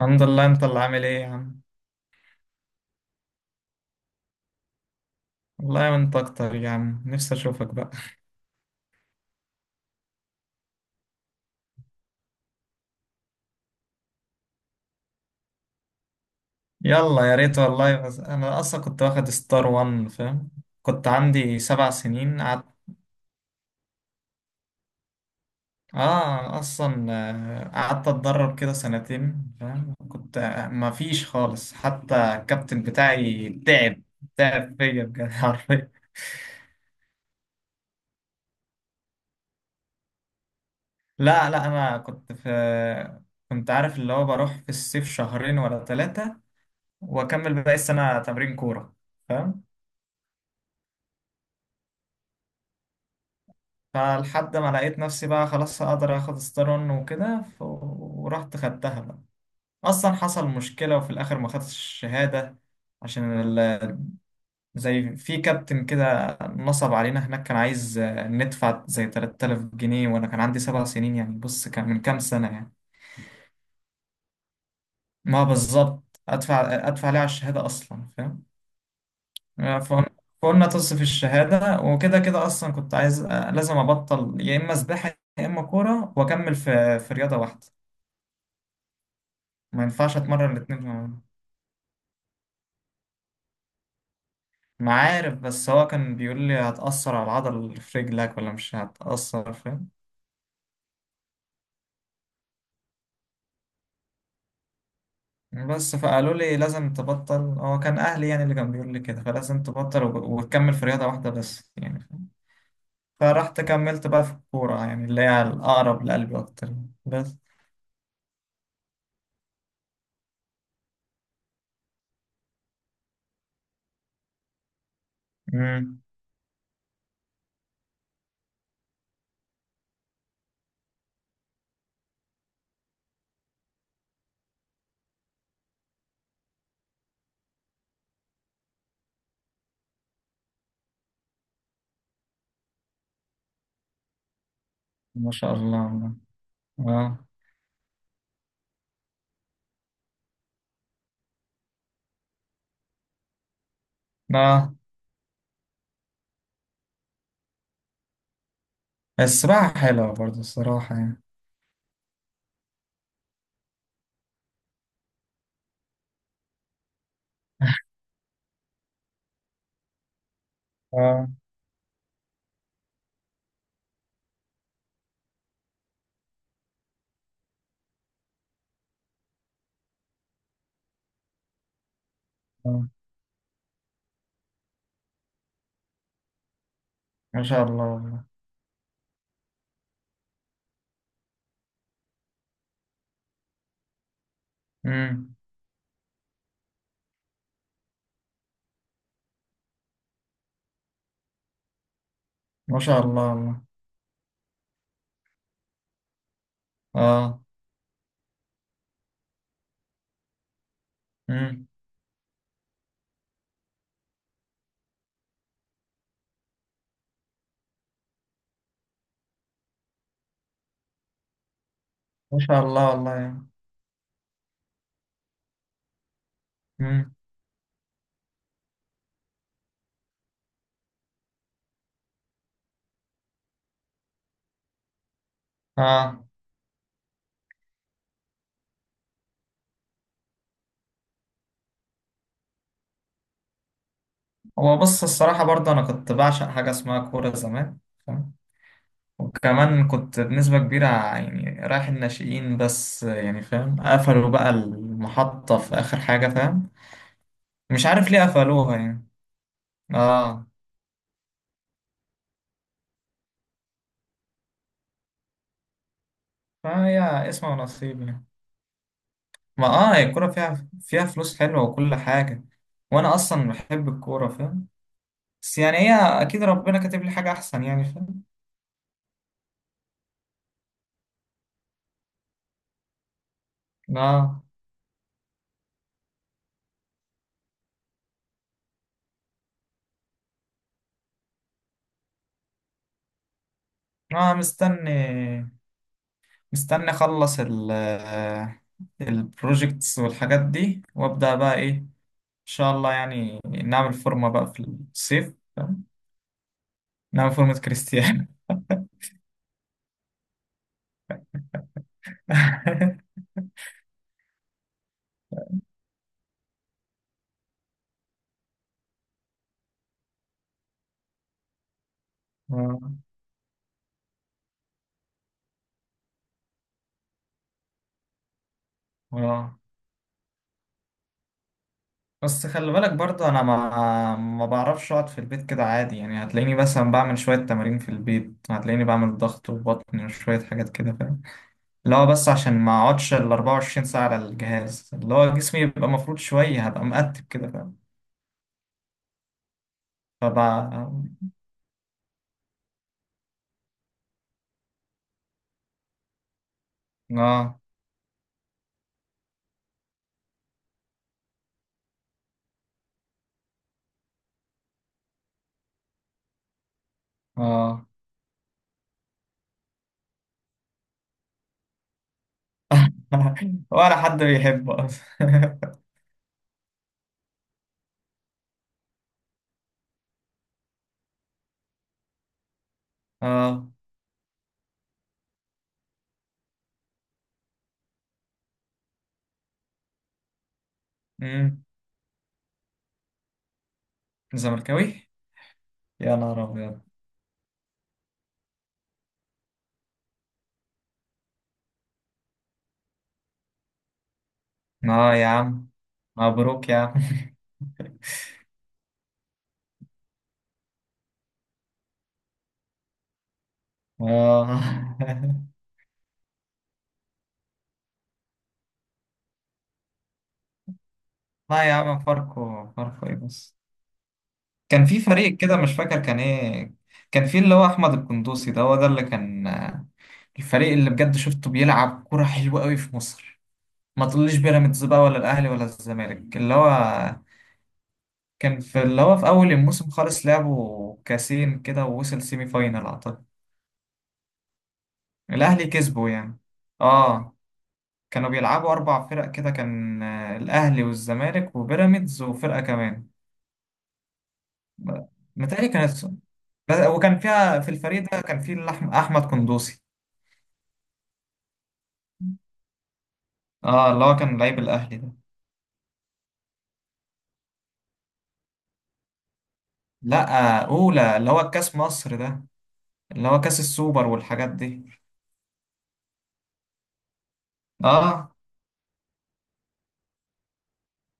الحمد لله. انت اللي عامل ايه يا عم؟ والله وانت اكتر يا عم، نفسي اشوفك بقى. يلا يا ريت والله، بس انا اصلا كنت واخد ستار وان، فاهم. كنت عندي 7 سنين قعدت. اه، اصلا قعدت اتدرب كده سنتين، فاهم. كنت ما فيش خالص، حتى الكابتن بتاعي تعب تعب فيا بجد حرفيا. لا لا، انا كنت عارف اللي هو بروح في الصيف شهرين ولا ثلاثة، واكمل باقي السنة تمرين كورة، فاهم. فلحد ما لقيت نفسي بقى خلاص هقدر اخد ستارون وكده، ورحت خدتها بقى. اصلا حصل مشكلة وفي الاخر ما خدتش الشهادة، عشان ال... زي في كابتن كده نصب علينا هناك، كان عايز ندفع زي 3000 جنيه، وانا كان عندي 7 سنين يعني، بص كان من كام سنة يعني. ما بالظبط، ادفع ليه على الشهادة اصلا، فاهم. فقلنا تصف الشهادة وكده، كده اصلا كنت عايز لازم ابطل، يا اما سباحة يا اما كورة، واكمل في رياضة واحدة. ما ينفعش اتمرن الاتنين مع بعض. ما عارف، بس هو كان بيقول لي هتأثر على العضل اللي في رجلك ولا مش هتأثر، فاهم. بس فقالوا لي لازم تبطل، هو كان أهلي يعني اللي كان بيقول لي كده، فلازم تبطل وتكمل في رياضة واحدة بس يعني، فاهم؟ فرحت كملت بقى في الكورة يعني، اللي هي الأقرب لقلبي أكتر يعني، بس. مم. ما شاء الله. اه. اه. السباحة حلوة برضه الصراحة يعني. اه. اه. ما شاء الله والله. مم. ما شاء الله والله. اه. مم. ما شاء الله والله يعني. مم. اه. هو بص الصراحة برضه، أنا كنت بعشق حاجة اسمها كورة زمان، فاهم. وكمان كنت بنسبة كبيرة يعني رايح الناشئين بس يعني، فاهم. قفلوا بقى المحطة في آخر حاجة، فاهم. مش عارف ليه قفلوها يعني. اه. فهي اسمها ونصيب يعني. ما اه، هي الكورة فيها فلوس حلوة وكل حاجة، وأنا أصلا بحب الكورة، فاهم. بس يعني هي أكيد ربنا كاتب لي حاجة أحسن يعني، فاهم. اه. اه. مستني، اخلص البروجكتس والحاجات دي، وابدا بقى، ايه ان شاء الله، يعني نعمل فورمه بقى في الصيف، نعمل فورمه كريستيانو. آه، آه. بس خلي بالك برضه، انا ما بعرفش اقعد في البيت كده عادي يعني، هتلاقيني مثلا بعمل شويه تمارين في البيت، هتلاقيني بعمل ضغط وبطن وشويه حاجات كده، فاهم. اللي هو بس عشان ما اقعدش ال 24 ساعه على الجهاز، اللي هو جسمي يبقى مفروض شويه، هبقى مقتب كده، فاهم. فبقى. اه. اه. ولا حد بيحبه اصلا. اه. امم زملكاوي. يا نهار ابيض. اه يا عم، مبروك يا عم. اه. لا يا عم، فاركو فاركو ايه بس؟ كان في فريق كده مش فاكر كان ايه. كان في اللي هو احمد القندوسي، ده هو ده اللي كان الفريق اللي بجد شفته بيلعب كرة حلوة قوي في مصر. ما تقوليش بيراميدز بقى ولا الاهلي ولا الزمالك، اللي هو كان في اللي هو في أول الموسم خالص لعبوا كاسين كده، ووصل سيمي فاينال أعتقد. الأهلي كسبوا يعني. آه. كانوا بيلعبوا أربع فرق كده، كان الأهلي والزمالك وبيراميدز وفرقة كمان. ب- متهيألي كانت، وكان فيها في الفريق ده كان فيه أحمد قندوسي، آه اللي هو كان لعيب الأهلي ده. لأ، أولى اللي هو كأس مصر ده، اللي هو كأس السوبر والحاجات دي. آه،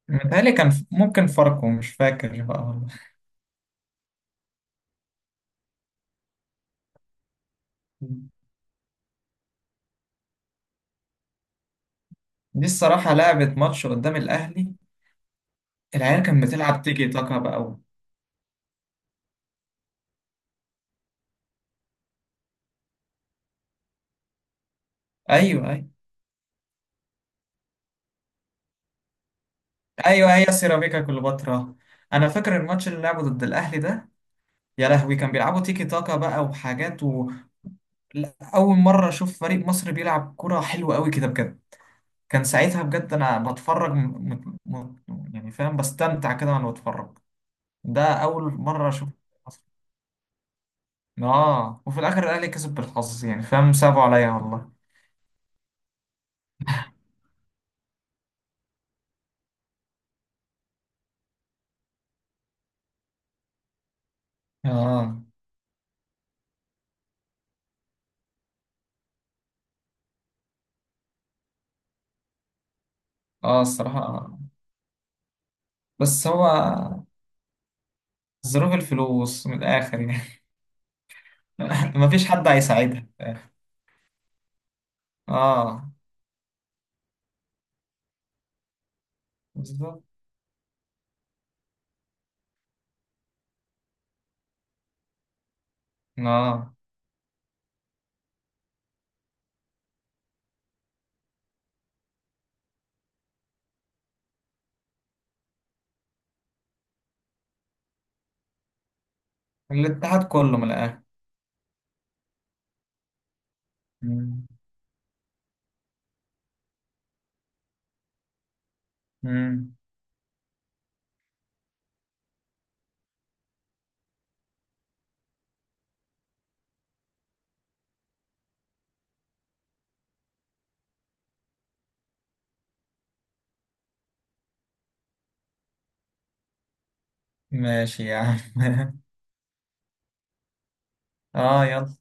متهيألي كان ممكن فرقه مش فاكر بقى والله. دي الصراحة لعبت ماتش قدام الأهلي. العيال كانت بتلعب تيكي تاكا بقى أيوه، أيوه أيوه، هي سيراميكا كليوباترا. أنا فاكر الماتش اللي لعبه ضد الأهلي ده، يا لهوي! كان بيلعبوا تيكي تاكا بقى وحاجات لا، أول مرة أشوف فريق مصر بيلعب كرة حلوة أوي كده بجد. كان ساعتها بجد أنا بتفرج، يعني فاهم، بستمتع كده وأنا بتفرج. ده أول مرة أشوف مصر. آه، وفي الآخر الأهلي كسب بالحظ يعني، فاهم، صعبوا عليا والله. آه. آه الصراحة. بس هو ظروف الفلوس من الآخر يعني. مفيش حد هيساعدها في الآخر. اه. بالظبط. اه. الاتحاد كله من الآخر. مم. مم. ماشي يا عم. اه، يلا.